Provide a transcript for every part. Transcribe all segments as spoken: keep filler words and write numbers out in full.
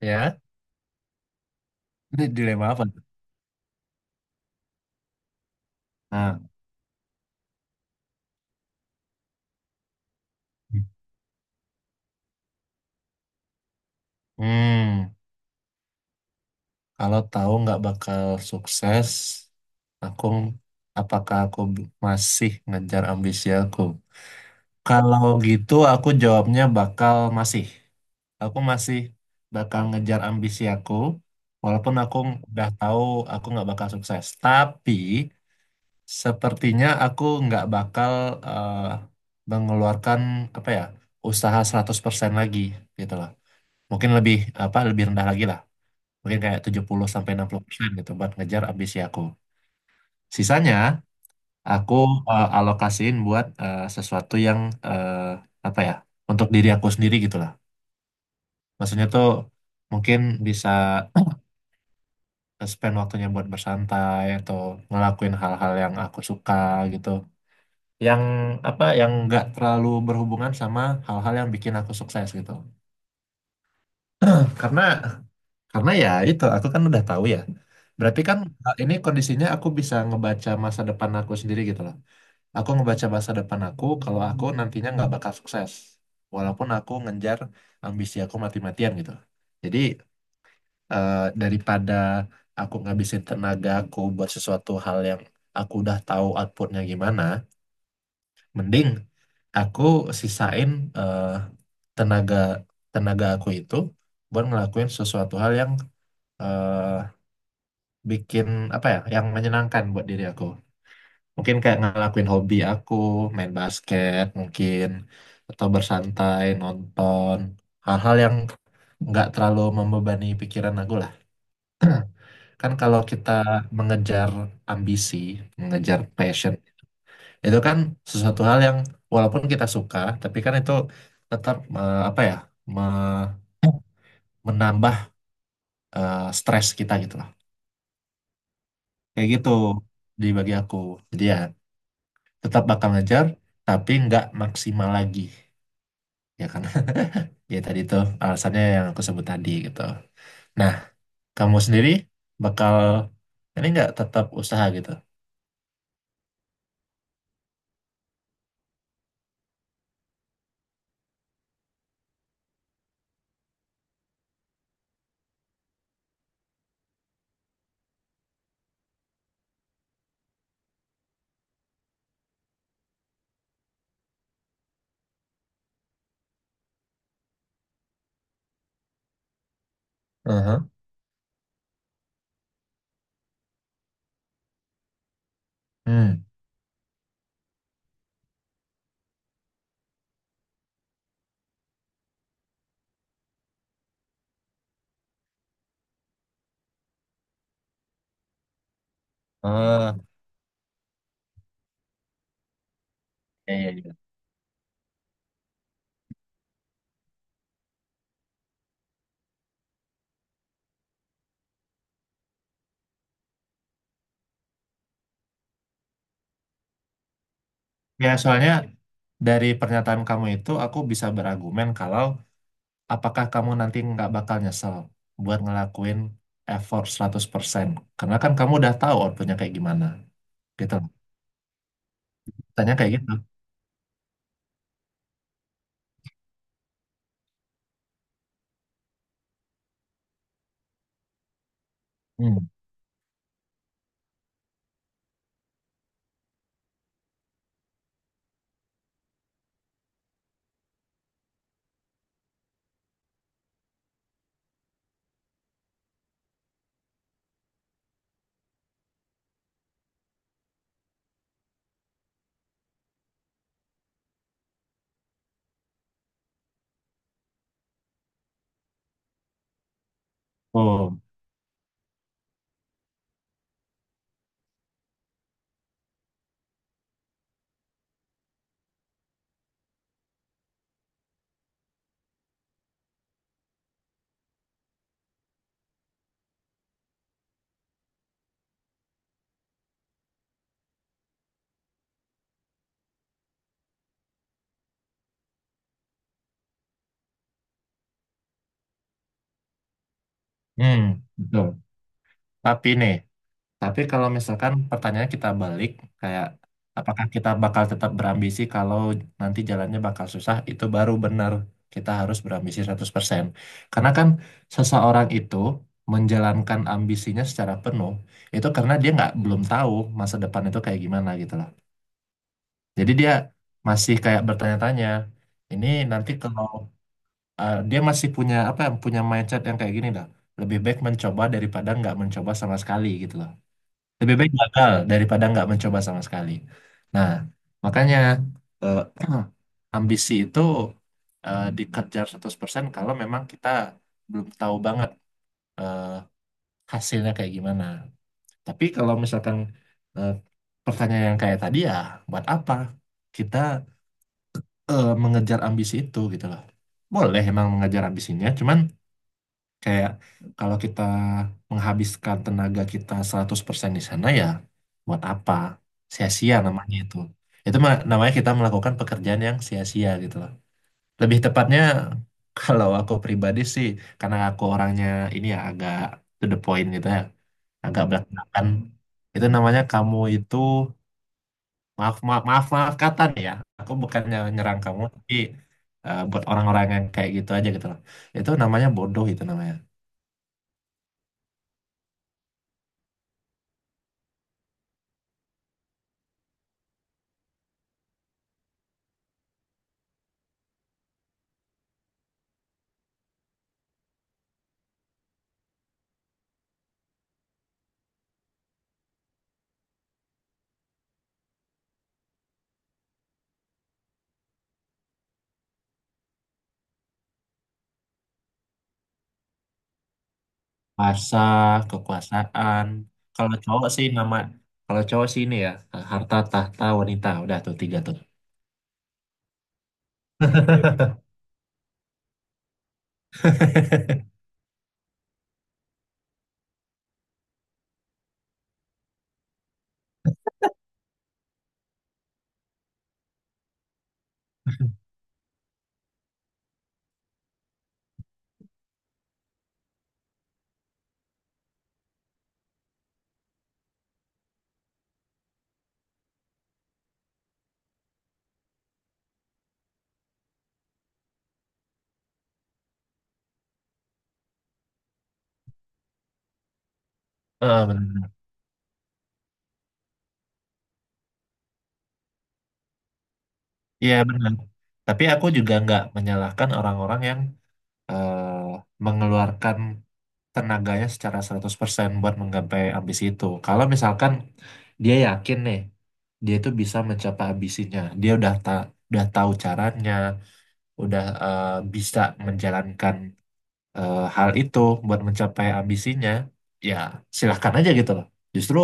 Ya, ini dilema apa tuh? Nah, hmm, kalau tahu nggak bakal sukses, aku apakah aku b- masih ngejar ambisi aku? Kalau gitu aku jawabnya bakal masih. Aku masih bakal ngejar ambisi aku, walaupun aku udah tahu aku nggak bakal sukses. Tapi sepertinya aku nggak bakal eh, mengeluarkan apa ya usaha seratus persen lagi gitu loh. Mungkin lebih apa lebih rendah lagi lah, mungkin kayak tujuh puluh sampai enam puluh persen gitu buat ngejar ambisi aku. Sisanya aku eh, alokasiin buat eh, sesuatu yang eh, apa ya untuk diri aku sendiri gitulah. Maksudnya tuh mungkin bisa spend waktunya buat bersantai atau ngelakuin hal-hal yang aku suka gitu, yang apa yang nggak terlalu berhubungan sama hal-hal yang bikin aku sukses gitu. karena Karena ya itu aku kan udah tahu ya. Berarti kan uh, ini kondisinya aku bisa ngebaca masa depan aku sendiri gitu loh. Aku ngebaca masa depan aku kalau aku nantinya nggak bakal sukses. Walaupun aku ngejar ambisi aku mati-matian gitu. Jadi uh, daripada aku ngabisin tenaga aku buat sesuatu hal yang aku udah tahu outputnya gimana, mending aku sisain uh, tenaga tenaga aku itu buat ngelakuin sesuatu hal yang eh, bikin apa ya yang menyenangkan buat diri aku. Mungkin kayak ngelakuin hobi aku, main basket mungkin, atau bersantai, nonton, hal-hal yang nggak terlalu membebani pikiran aku lah. Kan kalau kita mengejar ambisi, mengejar passion, itu kan sesuatu hal yang walaupun kita suka, tapi kan itu tetap eh, apa ya, me- menambah eh, stres kita gitu lah. Kayak gitu di bagi aku. Jadi ya tetap bakal ngejar tapi nggak maksimal lagi ya karena ya tadi tuh alasannya yang aku sebut tadi gitu. Nah, kamu sendiri bakal ini nggak tetap usaha gitu. Aha. Hmm. Ah, ya, ya, ya. Ya, soalnya dari pernyataan kamu itu aku bisa berargumen kalau apakah kamu nanti nggak bakal nyesel buat ngelakuin effort seratus persen karena kan kamu udah tahu outputnya kayak gimana gitu tanya kayak gitu. Hmm. Oh. Hmm. Betul. Tapi nih Tapi kalau misalkan pertanyaannya kita balik, kayak apakah kita bakal tetap berambisi kalau nanti jalannya bakal susah, itu baru benar kita harus berambisi seratus persen. Karena kan seseorang itu menjalankan ambisinya secara penuh, itu karena dia nggak belum tahu masa depan itu kayak gimana gitu loh. Jadi dia masih kayak bertanya-tanya, ini nanti kalau eh, dia masih punya apa ya, punya mindset yang kayak gini dah, lebih baik mencoba daripada nggak mencoba sama sekali gitu loh. Lebih baik gagal daripada nggak mencoba sama sekali. Nah, makanya eh, ambisi itu eh, dikejar seratus persen kalau memang kita belum tahu banget eh, hasilnya kayak gimana. Tapi kalau misalkan eh, pertanyaan yang kayak tadi ya, buat apa kita eh, mengejar ambisi itu gitu loh. Boleh emang mengejar ambisinya, cuman kayak kalau kita menghabiskan tenaga kita seratus persen di sana ya buat apa? Sia-sia namanya itu. Itu ma- namanya kita melakukan pekerjaan yang sia-sia gitu loh. Lebih tepatnya kalau aku pribadi sih karena aku orangnya ini ya agak to the point gitu ya, agak belak-belakan. Itu namanya kamu itu, maaf maaf maaf maaf kata nih ya. Aku bukannya nyerang kamu, tapi eh, buat orang-orang yang kayak gitu aja gitu loh. Itu namanya bodoh itu namanya. Kuasa, kekuasaan. Kalau cowok sih nama, kalau cowok sih ini ya, harta, tahta, wanita. Udah tuh tiga tuh. Eh, benar. Iya benar. Tapi aku juga nggak menyalahkan orang-orang yang eh, mengeluarkan tenaganya secara seratus persen buat menggapai ambisi itu. Kalau misalkan dia yakin nih, dia itu bisa mencapai ambisinya. Dia udah ta udah tahu caranya, udah eh, bisa menjalankan eh, hal itu buat mencapai ambisinya, ya silahkan aja gitu loh. Justru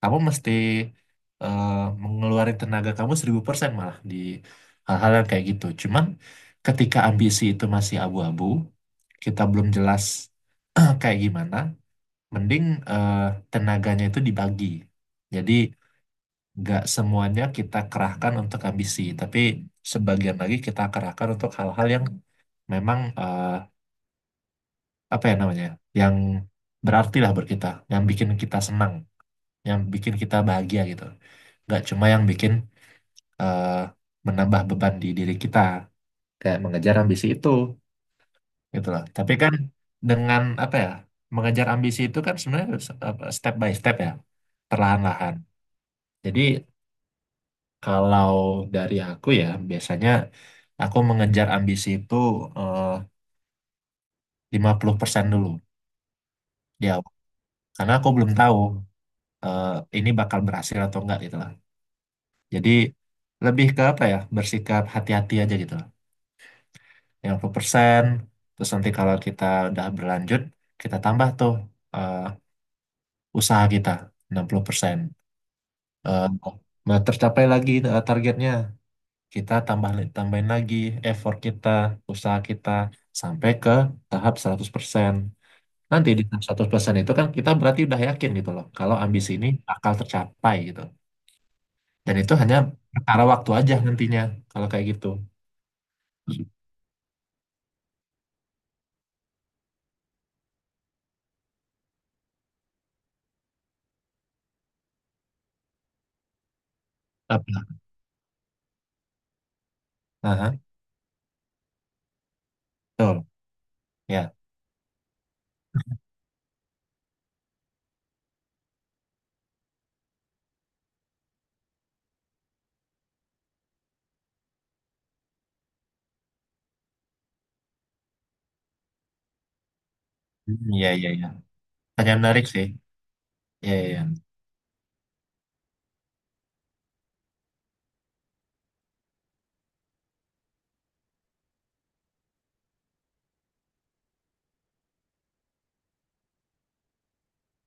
kamu mesti eh, mengeluarkan tenaga kamu seribu persen malah di hal-hal yang kayak gitu. Cuman ketika ambisi itu masih abu-abu, kita belum jelas kayak gimana, mending eh, tenaganya itu dibagi. Jadi nggak semuanya kita kerahkan untuk ambisi, tapi sebagian lagi kita kerahkan untuk hal-hal yang memang eh, apa ya namanya, yang berarti lah buat kita, yang bikin kita senang, yang bikin kita bahagia gitu, nggak cuma yang bikin eh, menambah beban di diri kita kayak mengejar ambisi itu gitu loh. Tapi kan dengan apa ya mengejar ambisi itu kan sebenarnya se- apa, step by step ya, perlahan-lahan. Jadi kalau dari aku ya biasanya aku mengejar ambisi itu eh, lima puluh persen dulu ya karena aku belum tahu eh, ini bakal berhasil atau enggak gitu. Jadi lebih ke apa ya, bersikap hati-hati aja gitu loh. Lima puluh persen. Terus nanti kalau kita udah berlanjut, kita tambah tuh eh, usaha kita enam puluh persen. Eh, nah, tercapai lagi eh, targetnya, kita tambah tambahin lagi effort kita, usaha kita, sampai ke tahap seratus persen. Nanti di tahap seratus persen itu kan kita berarti udah yakin gitu loh, kalau ambisi ini bakal tercapai gitu. Dan itu hanya perkara waktu aja nantinya, kalau kayak gitu. Apa? Aha. Betul. Ya. Hmm, iya, iya, iya. Pertanyaan menarik sih. Iya, iya, iya.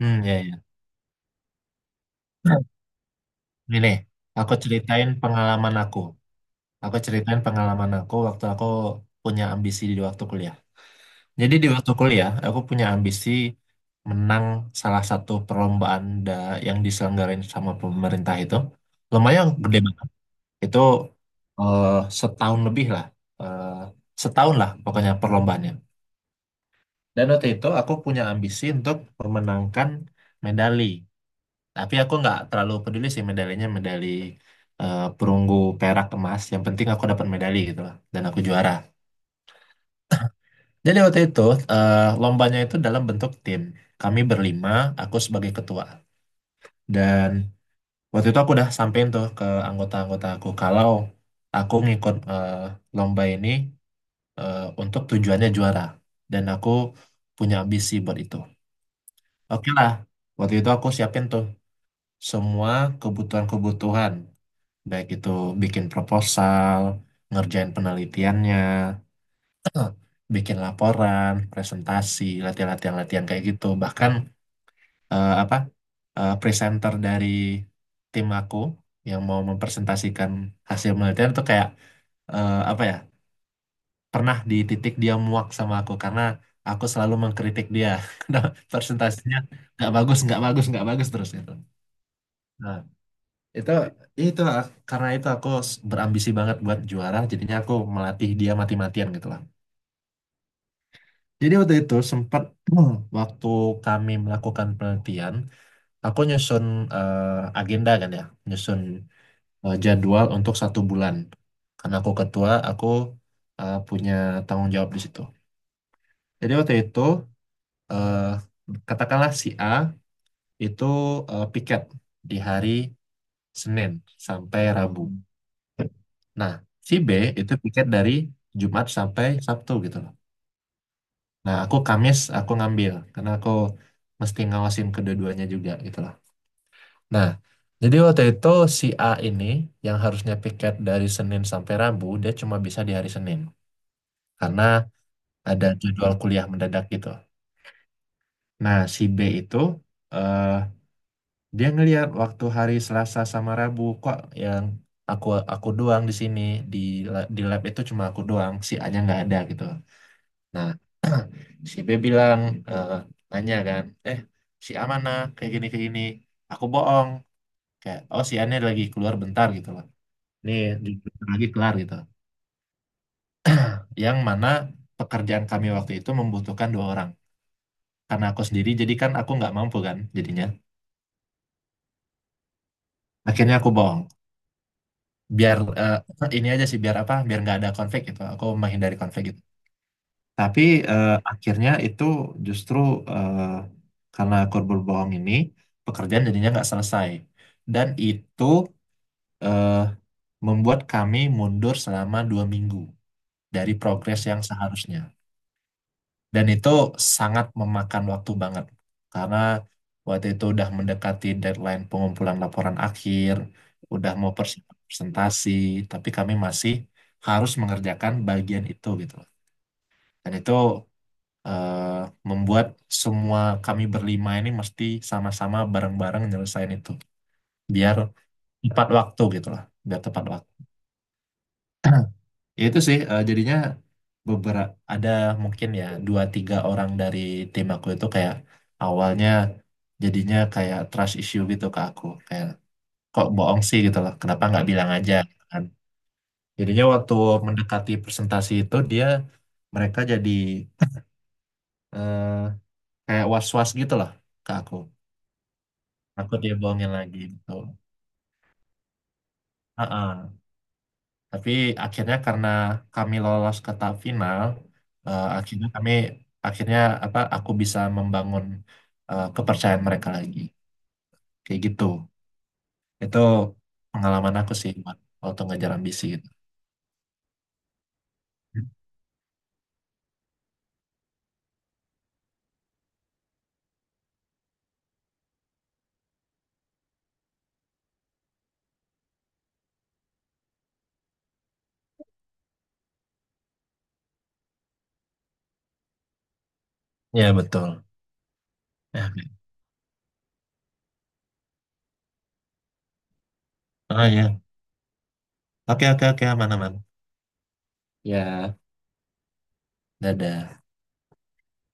Hmm, iya, iya. Ini nih, aku ceritain pengalaman aku. Aku ceritain pengalaman aku waktu aku punya ambisi di waktu kuliah. Jadi di waktu kuliah, aku punya ambisi menang salah satu perlombaan da- yang diselenggarain sama pemerintah itu. Lumayan gede banget. Itu eh, setahun lebih lah. Eh, setahun lah pokoknya perlombaannya. Dan waktu itu aku punya ambisi untuk memenangkan medali. Tapi aku nggak terlalu peduli sih medalinya, medali eh, perunggu, perak, emas. Yang penting aku dapat medali gitu lah. Dan aku juara. Jadi waktu itu eh, lombanya itu dalam bentuk tim. Kami berlima, aku sebagai ketua. Dan waktu itu aku udah sampein tuh ke anggota-anggota aku kalau aku ngikut eh, lomba ini eh, untuk tujuannya juara. Dan aku punya ambisi buat itu. Oke lah, waktu itu aku siapin tuh semua kebutuhan-kebutuhan, baik itu bikin proposal, ngerjain penelitiannya, bikin laporan, presentasi, latihan-latihan-latihan kayak gitu. Bahkan eh, apa eh, presenter dari tim aku yang mau mempresentasikan hasil penelitian itu kayak eh, apa ya, pernah di titik dia muak sama aku karena aku selalu mengkritik dia karena presentasinya nggak bagus, nggak bagus, nggak bagus terus gitu. Nah, Itu itu ak- karena itu aku s- berambisi banget buat juara, jadinya aku melatih dia mati-matian gitu lah. Jadi waktu itu sempat waktu kami melakukan penelitian, aku nyusun eh, agenda kan ya, nyusun eh, jadwal untuk satu bulan. Karena aku ketua, aku eh, punya tanggung jawab di situ. Jadi waktu itu eh, katakanlah si A itu eh, piket di hari Senin sampai Rabu. Nah, si B itu piket dari Jumat sampai Sabtu gitu loh. Nah, aku Kamis aku ngambil karena aku mesti ngawasin kedua-duanya juga gitu loh. Nah, jadi waktu itu si A ini yang harusnya piket dari Senin sampai Rabu, dia cuma bisa di hari Senin karena ada jadwal kuliah mendadak gitu. Nah, si B itu eh dia ngelihat waktu hari Selasa sama Rabu kok, yang aku aku doang di sini, di la- di lab itu cuma aku doang, si A-nya nggak ada gitu. Nah, si B bilang eh, nanya kan eh si A mana kayak gini kayak gini, aku bohong kayak, oh si A ini lagi keluar bentar gitu loh, nih di- lagi kelar gitu. Yang mana pekerjaan kami waktu itu membutuhkan dua orang, karena aku sendiri jadi kan aku nggak mampu kan jadinya akhirnya aku bohong biar eh, ini aja sih biar apa, biar nggak ada konflik gitu, aku menghindari konflik gitu. Tapi eh, akhirnya itu justru eh, karena aku berbohong ini, pekerjaan jadinya nggak selesai, dan itu eh, membuat kami mundur selama dua minggu dari progres yang seharusnya. Dan itu sangat memakan waktu banget karena waktu itu udah mendekati deadline pengumpulan laporan akhir, udah mau persiapan presentasi, tapi kami masih harus mengerjakan bagian itu gitu. loh. Dan itu eh, membuat semua kami berlima ini mesti sama-sama bareng-bareng nyelesain itu biar tepat waktu gitu lah, biar tepat waktu. Itu sih eh, jadinya beberapa ada mungkin ya dua tiga orang dari tim aku itu kayak awalnya jadinya kayak trust issue gitu ke aku kayak kok bohong sih gitu loh, kenapa nggak bilang aja. Kan jadinya waktu mendekati presentasi itu dia mereka jadi eh, kayak was-was gitu loh ke aku aku dia bohongin lagi gitu. Heeh. Tapi akhirnya karena kami lolos ke tahap final, eh, akhirnya kami akhirnya apa aku bisa membangun eh, kepercayaan mereka lagi. Kayak gitu. Itu pengalaman aku sih Wan, waktu ngejar ambisi gitu. Ya betul. Ya. Oh ya. Oke oke oke aman aman. Ya, dadah.